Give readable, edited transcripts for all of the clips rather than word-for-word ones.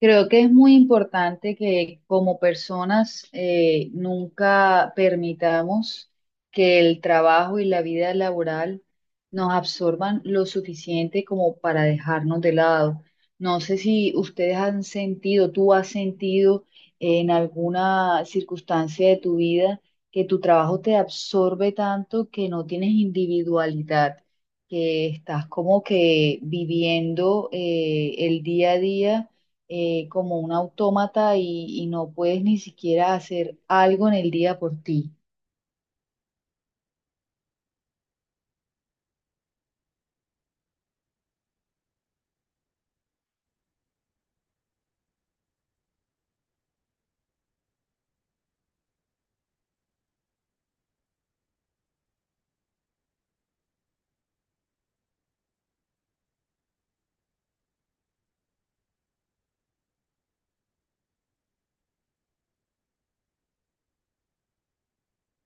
Creo que es muy importante que como personas nunca permitamos que el trabajo y la vida laboral nos absorban lo suficiente como para dejarnos de lado. No sé si ustedes han sentido, tú has sentido en alguna circunstancia de tu vida que tu trabajo te absorbe tanto que no tienes individualidad, que estás como que viviendo el día a día como un autómata y no puedes ni siquiera hacer algo en el día por ti.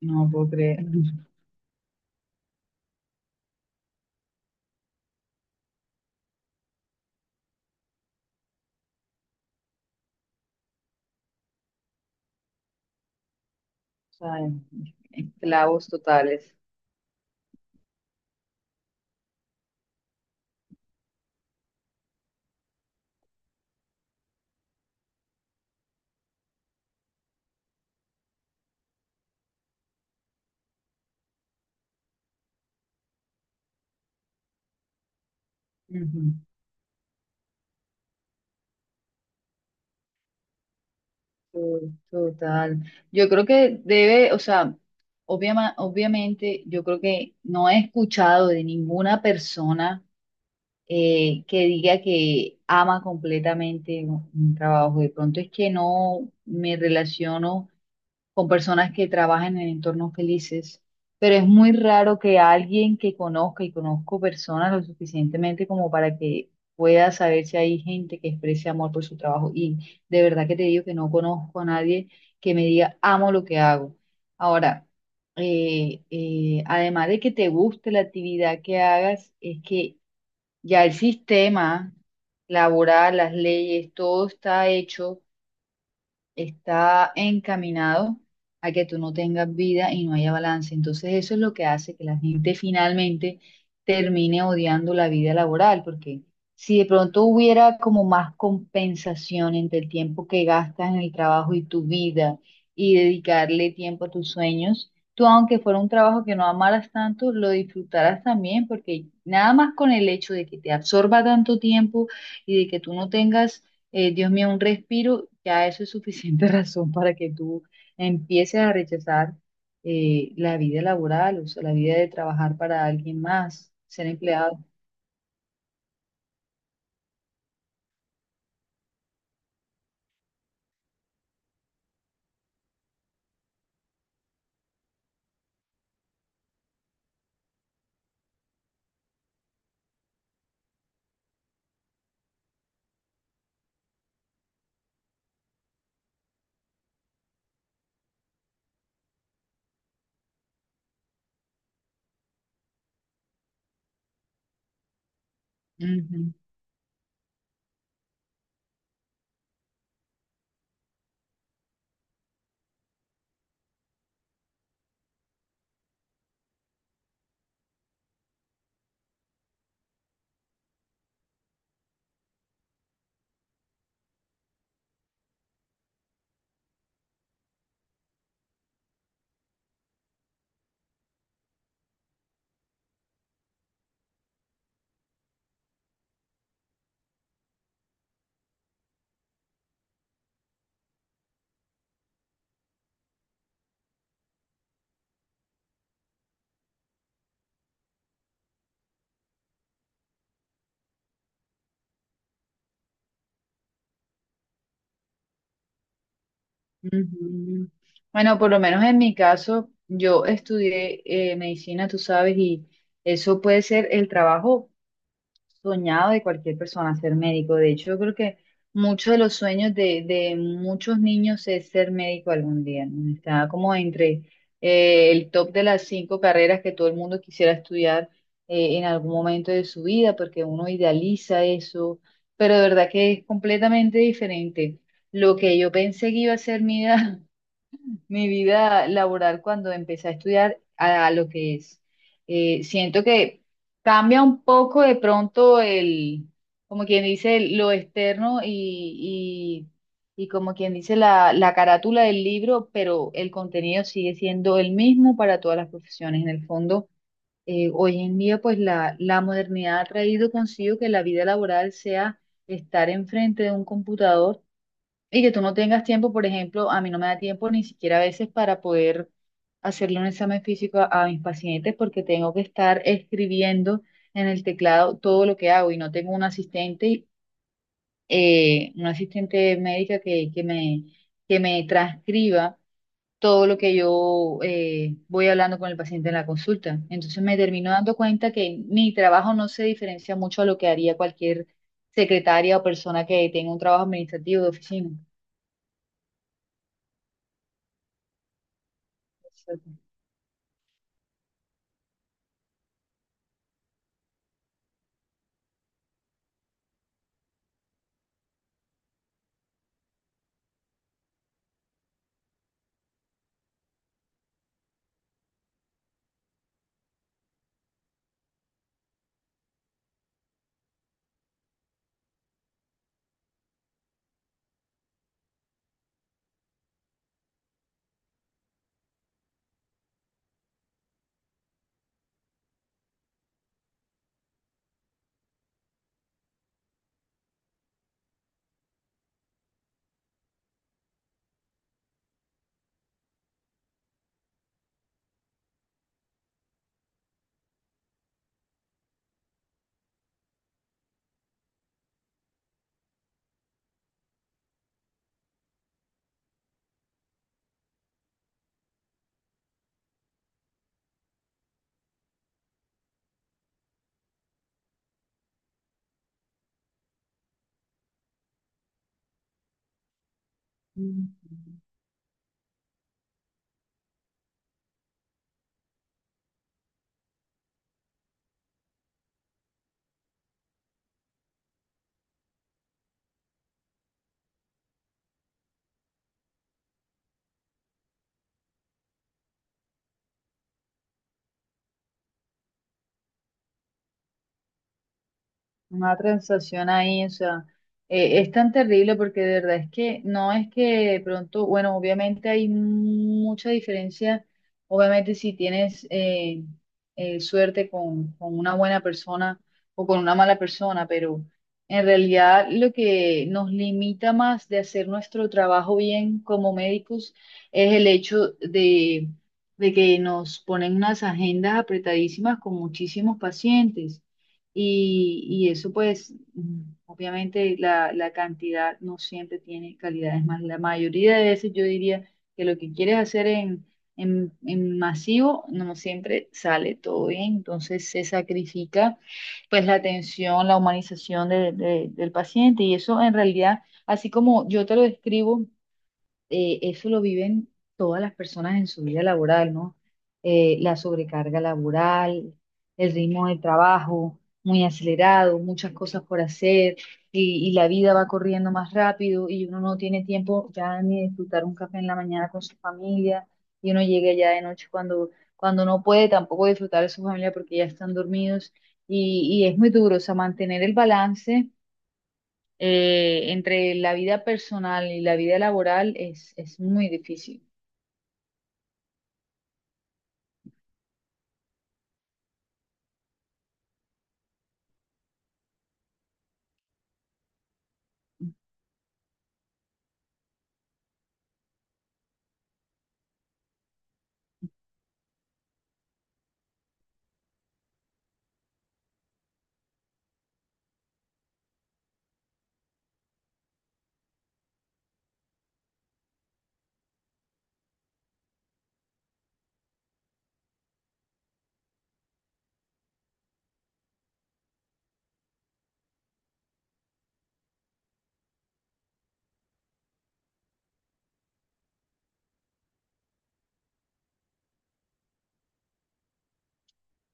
No puedo creer. O sea, esclavos totales. Ujú. To- Total. Yo creo que debe, o sea, obviamente yo creo que no he escuchado de ninguna persona que diga que ama completamente un trabajo. De pronto es que no me relaciono con personas que trabajan en entornos felices, pero es muy raro que alguien que conozca y conozco personas lo suficientemente como para que pueda saber si hay gente que exprese amor por su trabajo. Y de verdad que te digo que no conozco a nadie que me diga, amo lo que hago. Ahora, además de que te guste la actividad que hagas, es que ya el sistema laboral, las leyes, todo está hecho, está encaminado a que tú no tengas vida y no haya balance. Entonces eso es lo que hace que la gente finalmente termine odiando la vida laboral, porque si de pronto hubiera como más compensación entre el tiempo que gastas en el trabajo y tu vida y dedicarle tiempo a tus sueños, tú aunque fuera un trabajo que no amaras tanto, lo disfrutarás también, porque nada más con el hecho de que te absorba tanto tiempo y de que tú no tengas, Dios mío, un respiro, ya eso es suficiente razón para que tú empieces a rechazar la vida laboral, o sea, la vida de trabajar para alguien más, ser empleado. Ujú. Bueno, por lo menos en mi caso, yo estudié medicina, tú sabes, y eso puede ser el trabajo soñado de cualquier persona, ser médico. De hecho, yo creo que muchos de los sueños de muchos niños es ser médico algún día, ¿no? Está como entre el top de las cinco carreras que todo el mundo quisiera estudiar en algún momento de su vida, porque uno idealiza eso, pero de verdad que es completamente diferente. Lo que yo pensé que iba a ser mi vida, mi vida laboral cuando empecé a estudiar a lo que es. Siento que cambia un poco de pronto el, como quien dice, lo externo y como quien dice la carátula del libro, pero el contenido sigue siendo el mismo para todas las profesiones. En el fondo, hoy en día, pues la modernidad ha traído consigo que la vida laboral sea estar enfrente de un computador y que tú no tengas tiempo, por ejemplo, a mí no me da tiempo ni siquiera a veces para poder hacerle un examen físico a mis pacientes porque tengo que estar escribiendo en el teclado todo lo que hago y no tengo un asistente, una asistente médica que me transcriba todo lo que yo voy hablando con el paciente en la consulta. Entonces me termino dando cuenta que mi trabajo no se diferencia mucho a lo que haría cualquier secretaria o persona que tenga un trabajo administrativo de oficina. Mm, Una transacción ahí, o sea, es tan terrible porque de verdad es que no es que de pronto, bueno, obviamente hay mucha diferencia, obviamente si tienes suerte con una buena persona o con una mala persona, pero en realidad lo que nos limita más de hacer nuestro trabajo bien como médicos es el hecho de que nos ponen unas agendas apretadísimas con muchísimos pacientes. Y eso pues, mm, obviamente la cantidad no siempre tiene calidad, es más, la mayoría de veces yo diría que lo que quieres hacer en masivo no siempre sale todo bien, entonces se sacrifica pues la atención, la humanización del paciente y eso en realidad, así como yo te lo describo, eso lo viven todas las personas en su vida laboral, ¿no? La sobrecarga laboral, el ritmo de trabajo muy acelerado, muchas cosas por hacer y la vida va corriendo más rápido y uno no tiene tiempo ya ni de disfrutar un café en la mañana con su familia y uno llega ya de noche cuando, cuando no puede tampoco disfrutar de su familia porque ya están dormidos y es muy duro, o sea, mantener el balance entre la vida personal y la vida laboral es muy difícil.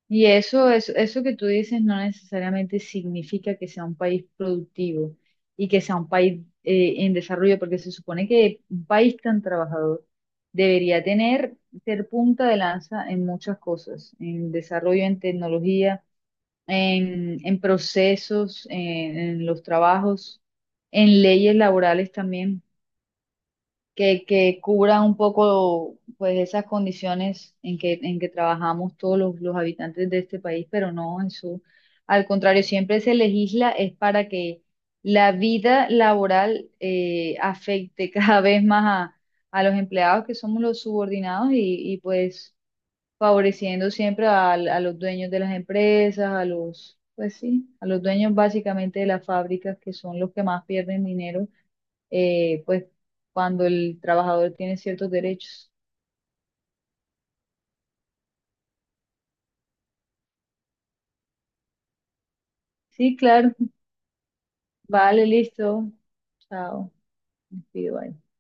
Y eso que tú dices no necesariamente significa que sea un país productivo y que sea un país en desarrollo, porque se supone que un país tan trabajador debería tener, ser punta de lanza en muchas cosas, en desarrollo, en tecnología, en procesos, en los trabajos, en leyes laborales también, que cubra un poco pues esas condiciones en que trabajamos todos los habitantes de este país, pero no, eso, al contrario, siempre se legisla es para que la vida laboral afecte cada vez más a los empleados que somos los subordinados pues favoreciendo siempre a los dueños de las empresas, a los, pues sí, a los dueños básicamente de las fábricas que son los que más pierden dinero, pues cuando el trabajador tiene ciertos derechos. Sí, claro, vale, listo. Chao. Me despido, bye.